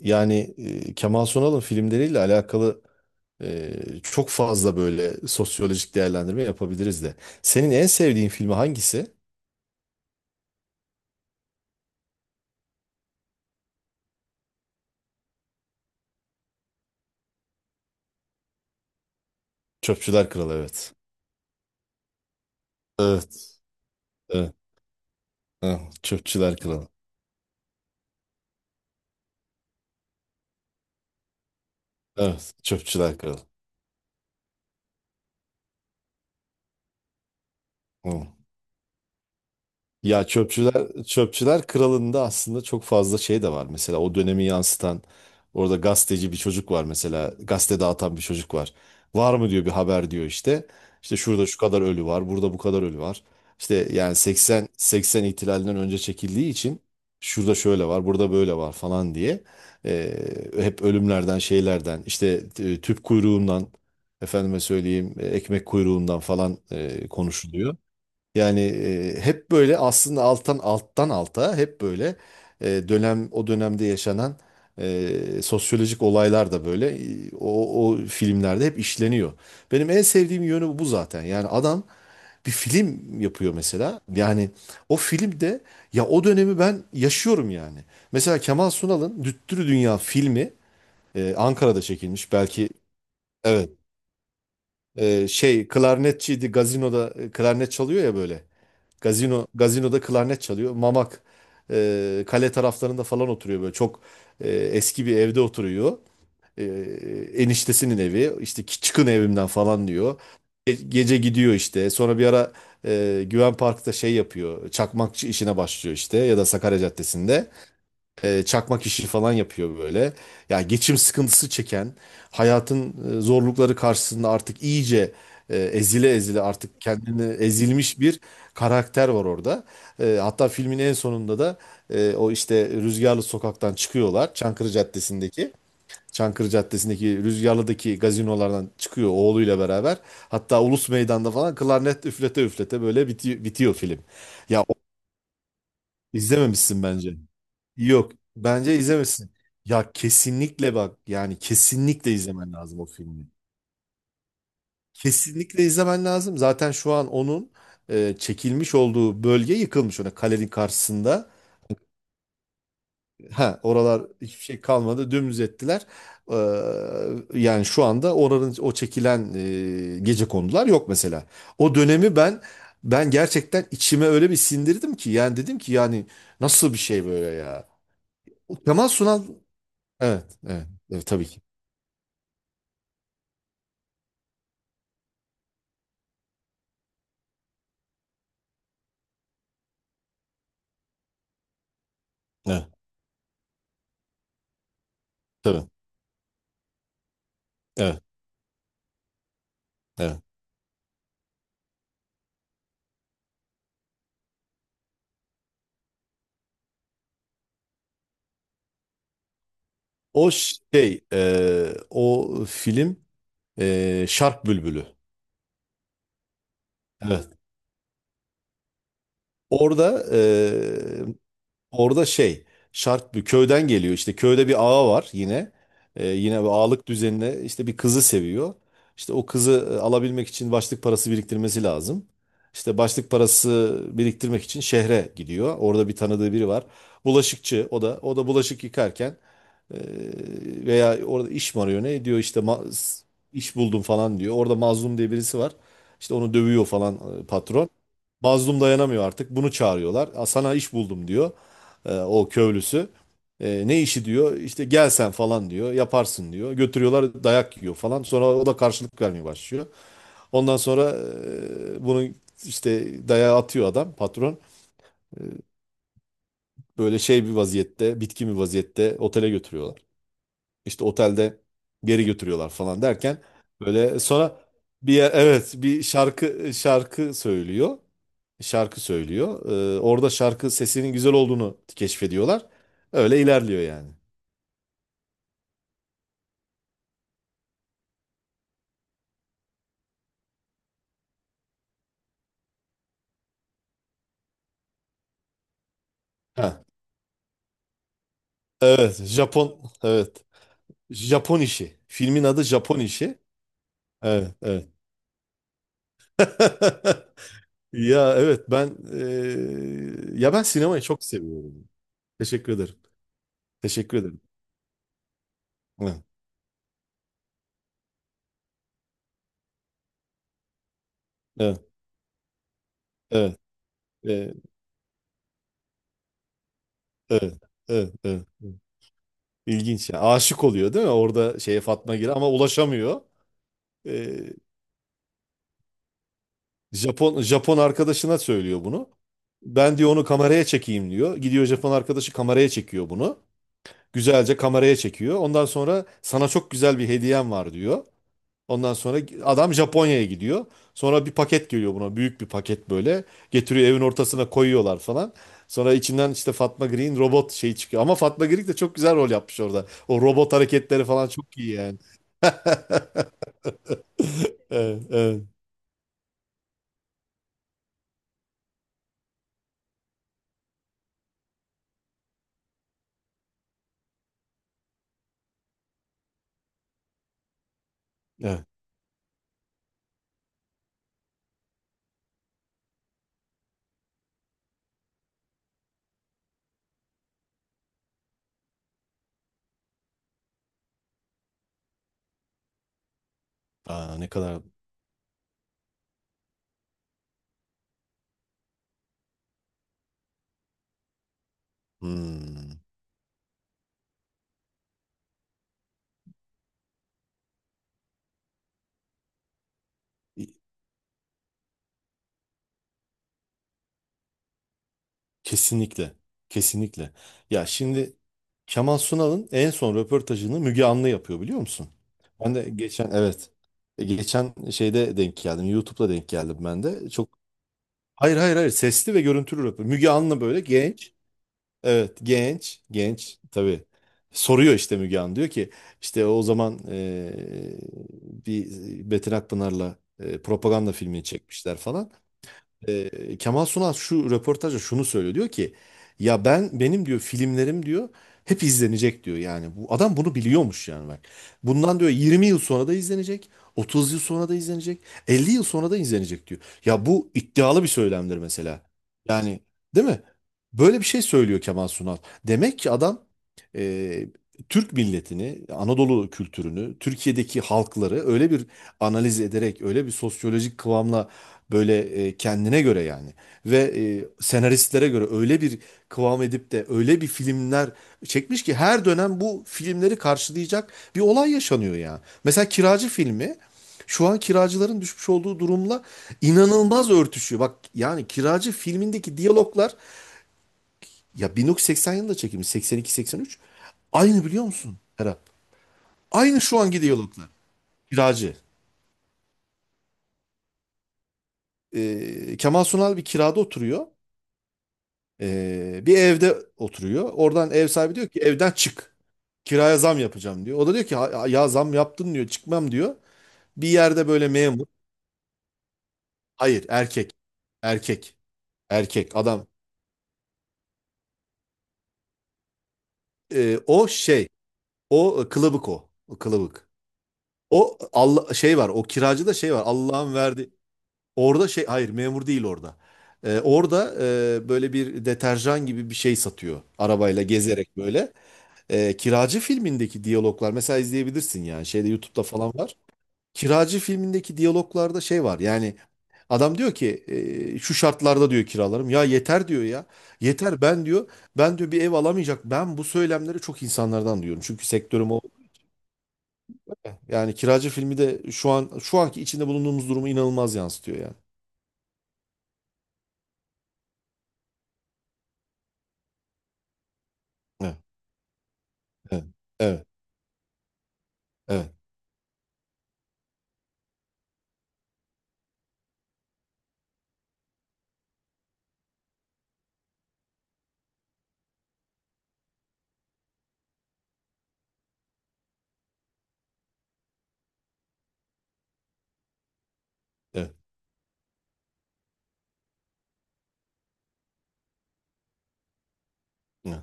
Yani Kemal Sunal'ın filmleriyle alakalı çok fazla böyle sosyolojik değerlendirme yapabiliriz de. Senin en sevdiğin filmi hangisi? Çöpçüler Kralı, evet. Evet. Evet, evet. Çöpçüler Kralı. Evet. Çöpçüler Kralı. Hı. Ya çöpçüler kralında aslında çok fazla şey de var. Mesela o dönemi yansıtan, orada gazeteci bir çocuk var mesela, gazete dağıtan bir çocuk var. Var mı diyor, bir haber diyor işte. İşte şurada şu kadar ölü var, burada bu kadar ölü var. İşte yani 80 ihtilalinden önce çekildiği için şurada şöyle var, burada böyle var falan diye hep ölümlerden, şeylerden, işte tüp kuyruğundan, efendime söyleyeyim, ekmek kuyruğundan falan konuşuluyor. Yani hep böyle aslında alttan alttan alta hep böyle dönem, o dönemde yaşanan sosyolojik olaylar da böyle, o filmlerde hep işleniyor. Benim en sevdiğim yönü bu zaten. Yani adam bir film yapıyor mesela. Yani o filmde ya o dönemi ben yaşıyorum yani. Mesela Kemal Sunal'ın Düttürü Dünya filmi Ankara'da çekilmiş. Belki evet, şey, klarnetçiydi, gazinoda klarnet çalıyor ya böyle. Gazinoda klarnet çalıyor. Mamak kale taraflarında falan oturuyor, böyle çok eski bir evde oturuyor. E, Eniştesinin evi işte, "Ki- çıkın evimden" falan diyor. Gece gidiyor işte. Sonra bir ara Güven Park'ta şey yapıyor. Çakmakçı işine başlıyor işte, ya da Sakarya Caddesi'nde çakmak işi falan yapıyor böyle. Ya geçim sıkıntısı çeken, hayatın zorlukları karşısında artık iyice ezile ezile artık kendini ezilmiş bir karakter var orada. Hatta filmin en sonunda da o işte Rüzgarlı Sokak'tan çıkıyorlar. Çankırı Caddesi'ndeki. Çankırı Caddesi'ndeki Rüzgarlı'daki gazinolardan çıkıyor oğluyla beraber. Hatta Ulus Meydan'da falan klarnet üflete üflete böyle bitiyor film. Ya İzlememişsin bence. Yok, bence izlemesin. Ya kesinlikle bak, yani kesinlikle izlemen lazım o filmi. Kesinlikle izlemen lazım. Zaten şu an onun çekilmiş olduğu bölge yıkılmış. Ona, kalenin karşısında. Ha, oralar hiçbir şey kalmadı. Dümdüz ettiler. Ee, Yani şu anda oranın o çekilen gecekondular yok mesela. O dönemi ben gerçekten içime öyle bir sindirdim ki, yani dedim ki yani nasıl bir şey böyle ya? Kemal Sunal. Evet, evet, evet, tabii ki. Evet, tabii. Evet, evet. O şey, o film Şark Bülbülü. Evet. Orada Orada şey, şart bir köyden geliyor işte, köyde bir ağa var yine. Yine bir ağalık düzenine, işte bir kızı seviyor. İşte o kızı alabilmek için başlık parası biriktirmesi lazım. İşte başlık parası biriktirmek için şehre gidiyor. Orada bir tanıdığı biri var. Bulaşıkçı, o da bulaşık yıkarken e, veya orada iş mi arıyor ne diyor işte, iş buldum falan diyor. Orada Mazlum diye birisi var. İşte onu dövüyor falan patron. Mazlum dayanamıyor artık. Bunu çağırıyorlar. "Aa, sana iş buldum" diyor o köylüsü. Ne işi diyor, işte gel sen falan diyor, yaparsın diyor. Götürüyorlar, dayak yiyor falan, sonra o da karşılık vermeye başlıyor. Ondan sonra bunu işte, dayağı atıyor adam, patron. E, Böyle şey bir vaziyette, bitkin bir vaziyette otele götürüyorlar. İşte otelde geri götürüyorlar falan derken böyle, sonra evet, bir şarkı söylüyor, şarkı söylüyor. Orada şarkı sesinin güzel olduğunu keşfediyorlar. Öyle ilerliyor yani. Ha, evet, Japon, evet, Japon işi. Filmin adı Japon işi. Evet, evet. Ya evet, ben ya ben sinemayı çok seviyorum. Teşekkür ederim. Teşekkür ederim. Evet, evet, evet, evet, evet. Evet, evet, evet. İlginç ya. Aşık oluyor değil mi? Orada şeye, Fatma Giri ama ulaşamıyor. Eee, Japon arkadaşına söylüyor bunu. Ben diyor onu kameraya çekeyim diyor. Gidiyor Japon arkadaşı, kameraya çekiyor bunu. Güzelce kameraya çekiyor. Ondan sonra sana çok güzel bir hediyem var diyor. Ondan sonra adam Japonya'ya gidiyor. Sonra bir paket geliyor buna. Büyük bir paket böyle. Getiriyor, evin ortasına koyuyorlar falan. Sonra içinden işte Fatma Girik'in robot şeyi çıkıyor. Ama Fatma Girik de çok güzel rol yapmış orada. O robot hareketleri falan çok iyi yani. Evet, evet, evet. Aa, ne kadar... Hmm. Kesinlikle. Kesinlikle. Ya şimdi, Kemal Sunal'ın en son röportajını Müge Anlı yapıyor, biliyor musun? Ben de geçen, evet. Geçen şeyde denk geldim. YouTube'da denk geldim ben de. Çok. Hayır, hayır, hayır, sesli ve görüntülü röportaj. Müge Anlı böyle genç. Evet, genç. Genç, tabii. Soruyor işte Müge Anlı, diyor ki işte o zaman bir Betin Akpınar'la propaganda filmi çekmişler falan. Kemal Sunal şu röportajda şunu söylüyor, diyor ki ya ben, benim diyor filmlerim diyor, hep izlenecek diyor, yani bu adam bunu biliyormuş yani bak, bundan diyor 20 yıl sonra da izlenecek, 30 yıl sonra da izlenecek, 50 yıl sonra da izlenecek diyor ya, bu iddialı bir söylemdir mesela yani, değil mi? Böyle bir şey söylüyor Kemal Sunal, demek ki adam e, Türk milletini, Anadolu kültürünü, Türkiye'deki halkları öyle bir analiz ederek, öyle bir sosyolojik kıvamla, böyle kendine göre yani, ve senaristlere göre öyle bir kıvam edip de öyle bir filmler çekmiş ki, her dönem bu filmleri karşılayacak bir olay yaşanıyor ya. Mesela Kiracı filmi, şu an kiracıların düşmüş olduğu durumla inanılmaz örtüşüyor. Bak yani, Kiracı filmindeki diyaloglar ya, 1980 yılında çekilmiş, 82-83, aynı, biliyor musun Serap? Aynı şu anki diyaloglar. Kiracı. Kemal Sunal bir kirada oturuyor. Bir evde oturuyor. Oradan ev sahibi diyor ki evden çık. Kiraya zam yapacağım diyor. O da diyor ki "Ha- ya zam yaptın" diyor, "çıkmam" diyor. Bir yerde böyle memur. Hayır, erkek. Erkek. Erkek adam. O şey. Kılıbık o. O kılıbık. O Allah şey var. O kiracı da şey var. Allah'ın verdi. Orada şey, hayır, memur değil orada. Orada böyle bir deterjan gibi bir şey satıyor. Arabayla gezerek böyle. Kiracı filmindeki diyaloglar mesela izleyebilirsin, yani şeyde, YouTube'da falan var. Kiracı filmindeki diyaloglarda şey var yani, adam diyor ki şu şartlarda diyor kiralarım ya yeter diyor ya, yeter ben diyor, ben diyor bir ev alamayacak, ben bu söylemleri çok insanlardan duyuyorum çünkü sektörüm o, yani Kiracı filmi de şu an, şu anki içinde bulunduğumuz durumu inanılmaz yansıtıyor yani. Evet, evet, evet, evet, evet, evet,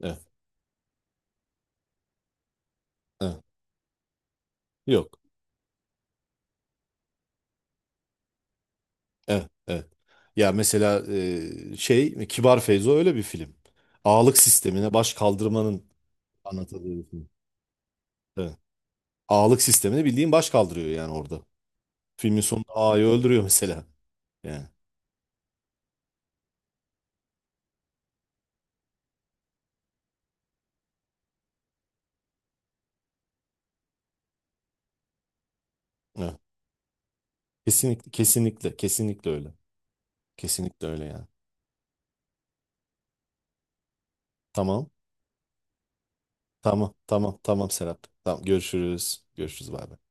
evet, evet. Yok. Evet, evet. Ya mesela şey, Kibar Feyzo öyle bir film. Ağalık sistemine baş kaldırmanın anlatıldığı bir film. Evet. Ağalık sistemine bildiğin baş kaldırıyor yani orada. Filmin sonunda ağayı öldürüyor mesela. Yani. Evet. Kesinlikle, kesinlikle, kesinlikle öyle. Kesinlikle öyle yani. Tamam, tamam, tamam, tamam Serap. Tamam, görüşürüz. Görüşürüz, bay bay.